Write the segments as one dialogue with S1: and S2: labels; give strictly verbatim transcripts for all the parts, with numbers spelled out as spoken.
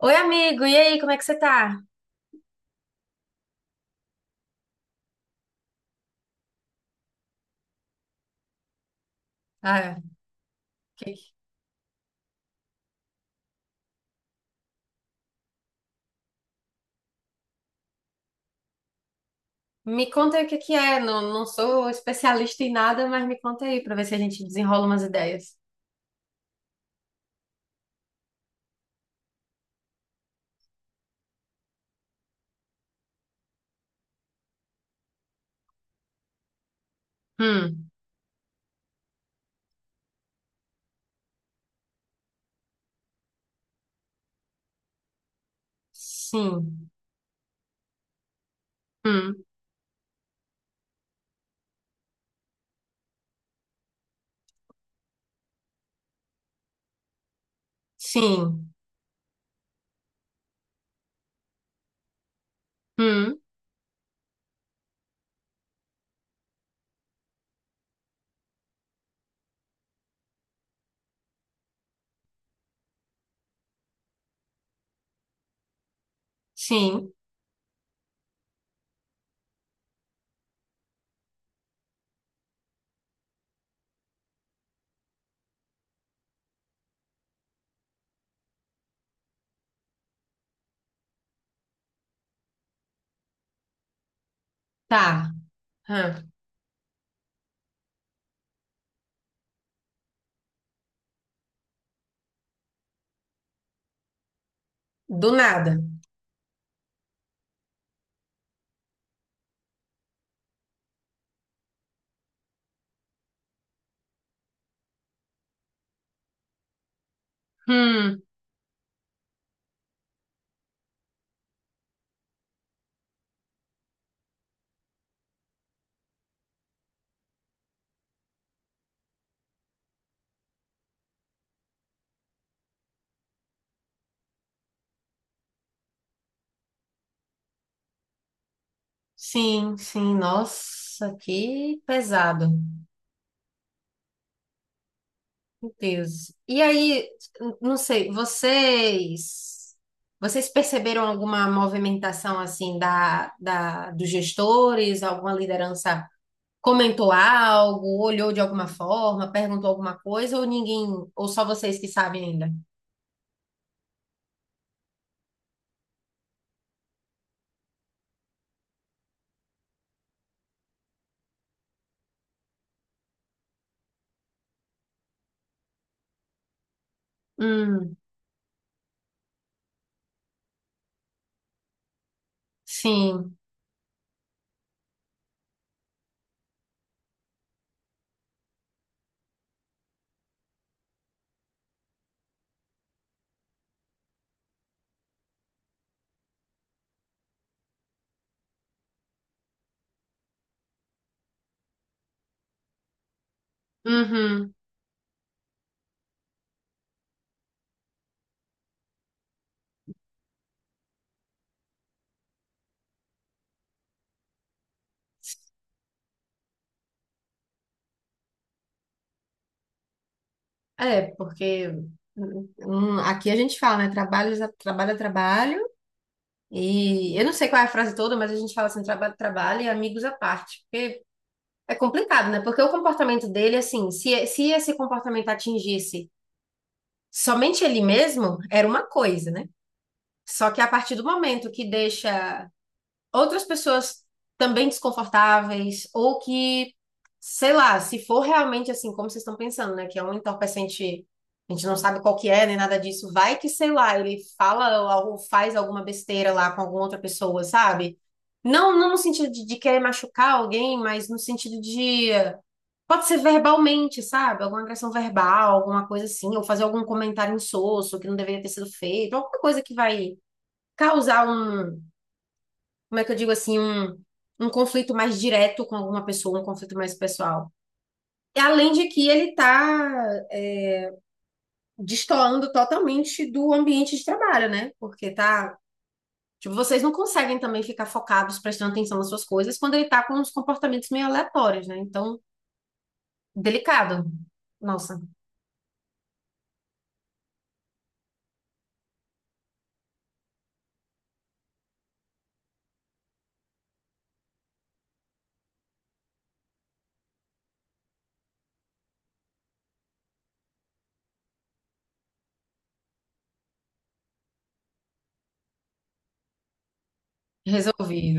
S1: Oi, amigo, e aí, como é que você tá? Ah, que- Me conta aí o que que é, não, não sou especialista em nada, mas me conta aí pra ver se a gente desenrola umas ideias. Hum, sim, hum, sim, hum, sim, tá, hã, do nada. Hum, sim, sim, nossa, que pesado. Meu Deus. E aí, n- não sei, vocês, vocês perceberam alguma movimentação assim da, da dos gestores? Alguma liderança comentou algo, olhou de alguma forma, perguntou alguma coisa, ou ninguém, ou só vocês que sabem ainda? Hum, sim. Uhum. É, porque hum, hum, aqui a gente fala, né? Trabalho, trabalho, é trabalho. E eu não sei qual é a frase toda, mas a gente fala assim, trabalho, trabalho e amigos à parte. Porque é complicado, né? Porque o comportamento dele, assim, se, se esse comportamento atingisse somente ele mesmo, era uma coisa, né? Só que a partir do momento que deixa outras pessoas também desconfortáveis, ou que, sei lá, se for realmente assim, como vocês estão pensando, né? Que é um entorpecente, a gente não sabe qual que é, nem nada disso, vai que, sei lá, ele fala ou faz alguma besteira lá com alguma outra pessoa, sabe? Não, não no sentido de, de querer machucar alguém, mas no sentido de pode ser verbalmente, sabe? Alguma agressão verbal, alguma coisa assim, ou fazer algum comentário insosso que não deveria ter sido feito, alguma coisa que vai causar um, como é que eu digo assim, um, um conflito mais direto com alguma pessoa, um conflito mais pessoal. E além de que ele tá é, destoando totalmente do ambiente de trabalho, né? Porque tá, tipo, vocês não conseguem também ficar focados, prestando atenção nas suas coisas, quando ele tá com uns comportamentos meio aleatórios, né? Então, delicado. Nossa, resolvi.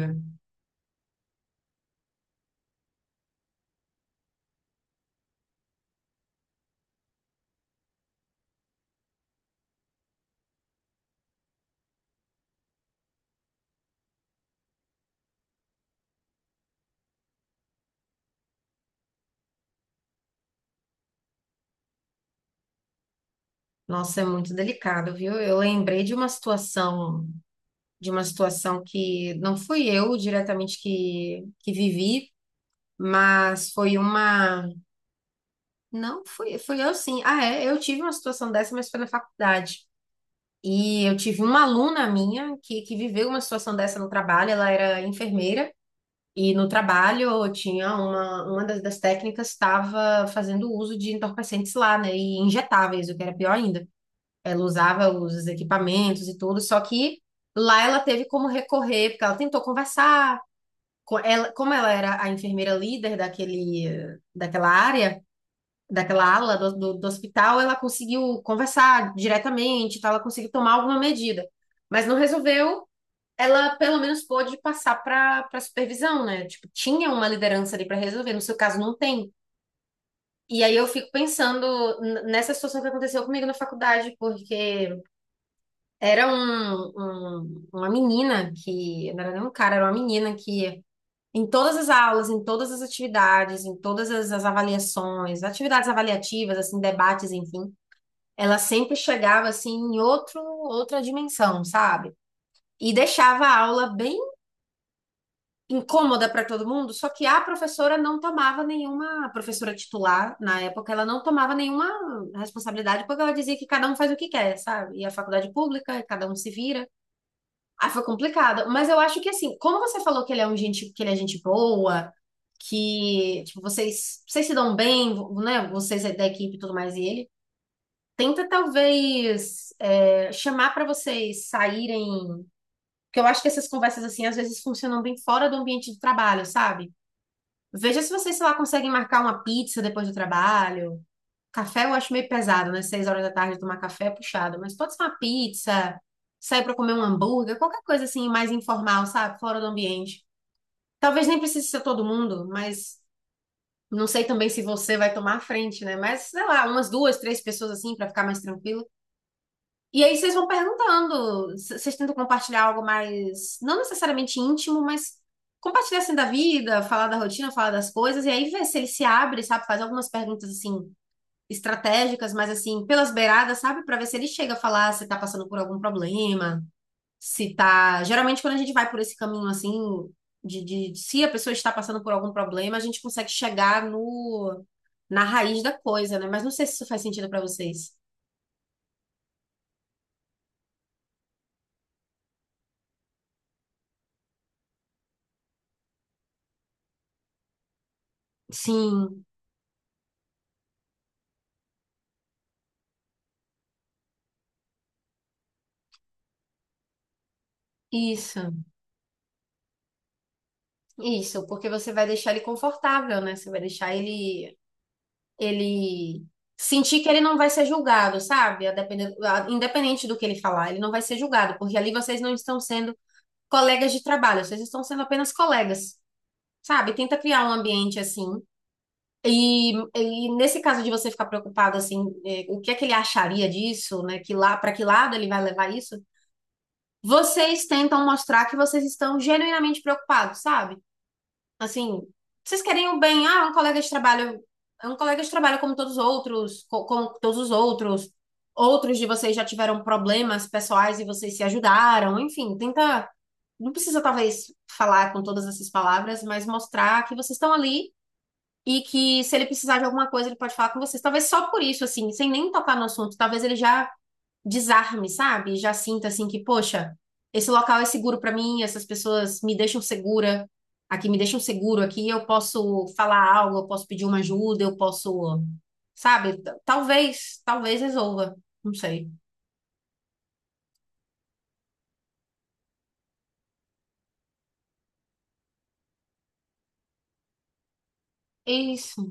S1: Nossa, é muito delicado, viu? Eu lembrei de uma situação, de uma situação que não fui eu diretamente que, que vivi, mas foi uma. Não, fui, fui eu sim. Ah, é, eu tive uma situação dessa, mas foi na faculdade. E eu tive uma aluna minha que, que viveu uma situação dessa no trabalho, ela era enfermeira. E no trabalho tinha uma, uma das, das técnicas estava fazendo uso de entorpecentes lá, né? E injetáveis, o que era pior ainda. Ela usava os equipamentos e tudo, só que lá ela teve como recorrer, porque ela tentou conversar. co- Ela, como ela era a enfermeira líder daquele, daquela área, daquela ala do, do, do hospital, ela conseguiu conversar diretamente, e tal, ela conseguiu tomar alguma medida. Mas não resolveu, ela pelo menos pôde passar para para supervisão, né? Tipo, tinha uma liderança ali para resolver, no seu caso não tem. E aí eu fico pensando n- nessa situação que aconteceu comigo na faculdade, porque era um, um- uma menina que, não era nem um cara, era uma menina que, em todas as aulas, em todas as atividades, em todas as, as avaliações, atividades avaliativas, assim, debates, enfim, ela sempre chegava, assim, em outro, outra dimensão, sabe? E deixava a aula bem incômoda para todo mundo, só que a professora não tomava nenhuma, a professora titular, na época, ela não tomava nenhuma responsabilidade, porque ela dizia que cada um faz o que quer, sabe? E a faculdade pública, cada um se vira. Ah, foi complicado. Mas eu acho que assim, como você falou que ele é um gente, que ele é gente boa, que tipo, vocês, vocês se dão bem, vo- né? Vocês é da equipe e tudo mais, e ele tenta talvez é, chamar para vocês saírem. Porque eu acho que essas conversas assim às vezes funcionam bem fora do ambiente de trabalho, sabe? Veja se vocês, sei lá, conseguem marcar uma pizza depois do trabalho. Café eu acho meio pesado, né? Seis horas da tarde tomar café é puxado. Mas pode ser uma pizza, sair pra comer um hambúrguer, qualquer coisa assim mais informal, sabe? Fora do ambiente. Talvez nem precise ser todo mundo, mas não sei também se você vai tomar a frente, né? Mas sei lá, umas duas, três pessoas assim pra ficar mais tranquilo. E aí vocês vão perguntando, c- vocês tentam compartilhar algo mais, não necessariamente íntimo, mas compartilhar assim da vida, falar da rotina, falar das coisas, e aí ver se ele se abre, sabe? Faz algumas perguntas assim estratégicas, mas assim, pelas beiradas, sabe? Pra ver se ele chega a falar se tá passando por algum problema, se tá. Geralmente, quando a gente vai por esse caminho assim, de, de de se a pessoa está passando por algum problema, a gente consegue chegar no na raiz da coisa, né? Mas não sei se isso faz sentido pra vocês. Sim, isso. Isso, porque você vai deixar ele confortável, né? Você vai deixar ele, ele sentir que ele não vai ser julgado, sabe? A depender- a- independente do que ele falar, ele não vai ser julgado, porque ali vocês não estão sendo colegas de trabalho, vocês estão sendo apenas colegas, sabe? Tenta criar um ambiente assim. E, e nesse caso de você ficar preocupado assim, é, o que é que ele acharia disso, né? Que lá, para que lado ele vai levar isso? Vocês tentam mostrar que vocês estão genuinamente preocupados, sabe? Assim, vocês querem o bem, ah, é um colega de trabalho, é um colega de trabalho como todos os outros, co- como todos os outros. Outros de vocês já tiveram problemas pessoais e vocês se ajudaram, enfim, tenta, não precisa talvez falar com todas essas palavras, mas mostrar que vocês estão ali e que se ele precisar de alguma coisa, ele pode falar com vocês. Talvez só por isso, assim, sem nem tocar no assunto, talvez ele já desarme, sabe? Já sinta assim que, poxa, esse local é seguro pra mim, essas pessoas me deixam segura, aqui me deixam seguro, aqui eu posso falar algo, eu posso pedir uma ajuda, eu posso, sabe? T- Talvez, talvez resolva, não sei. É isso,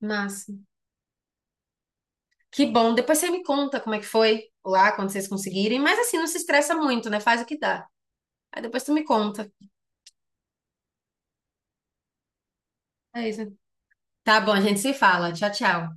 S1: massa. Que bom, depois você me conta como é que foi lá, quando vocês conseguirem, mas assim, não se estressa muito, né? Faz o que dá. Aí depois tu me conta. É isso. Tá bom, a gente se fala. Tchau, tchau.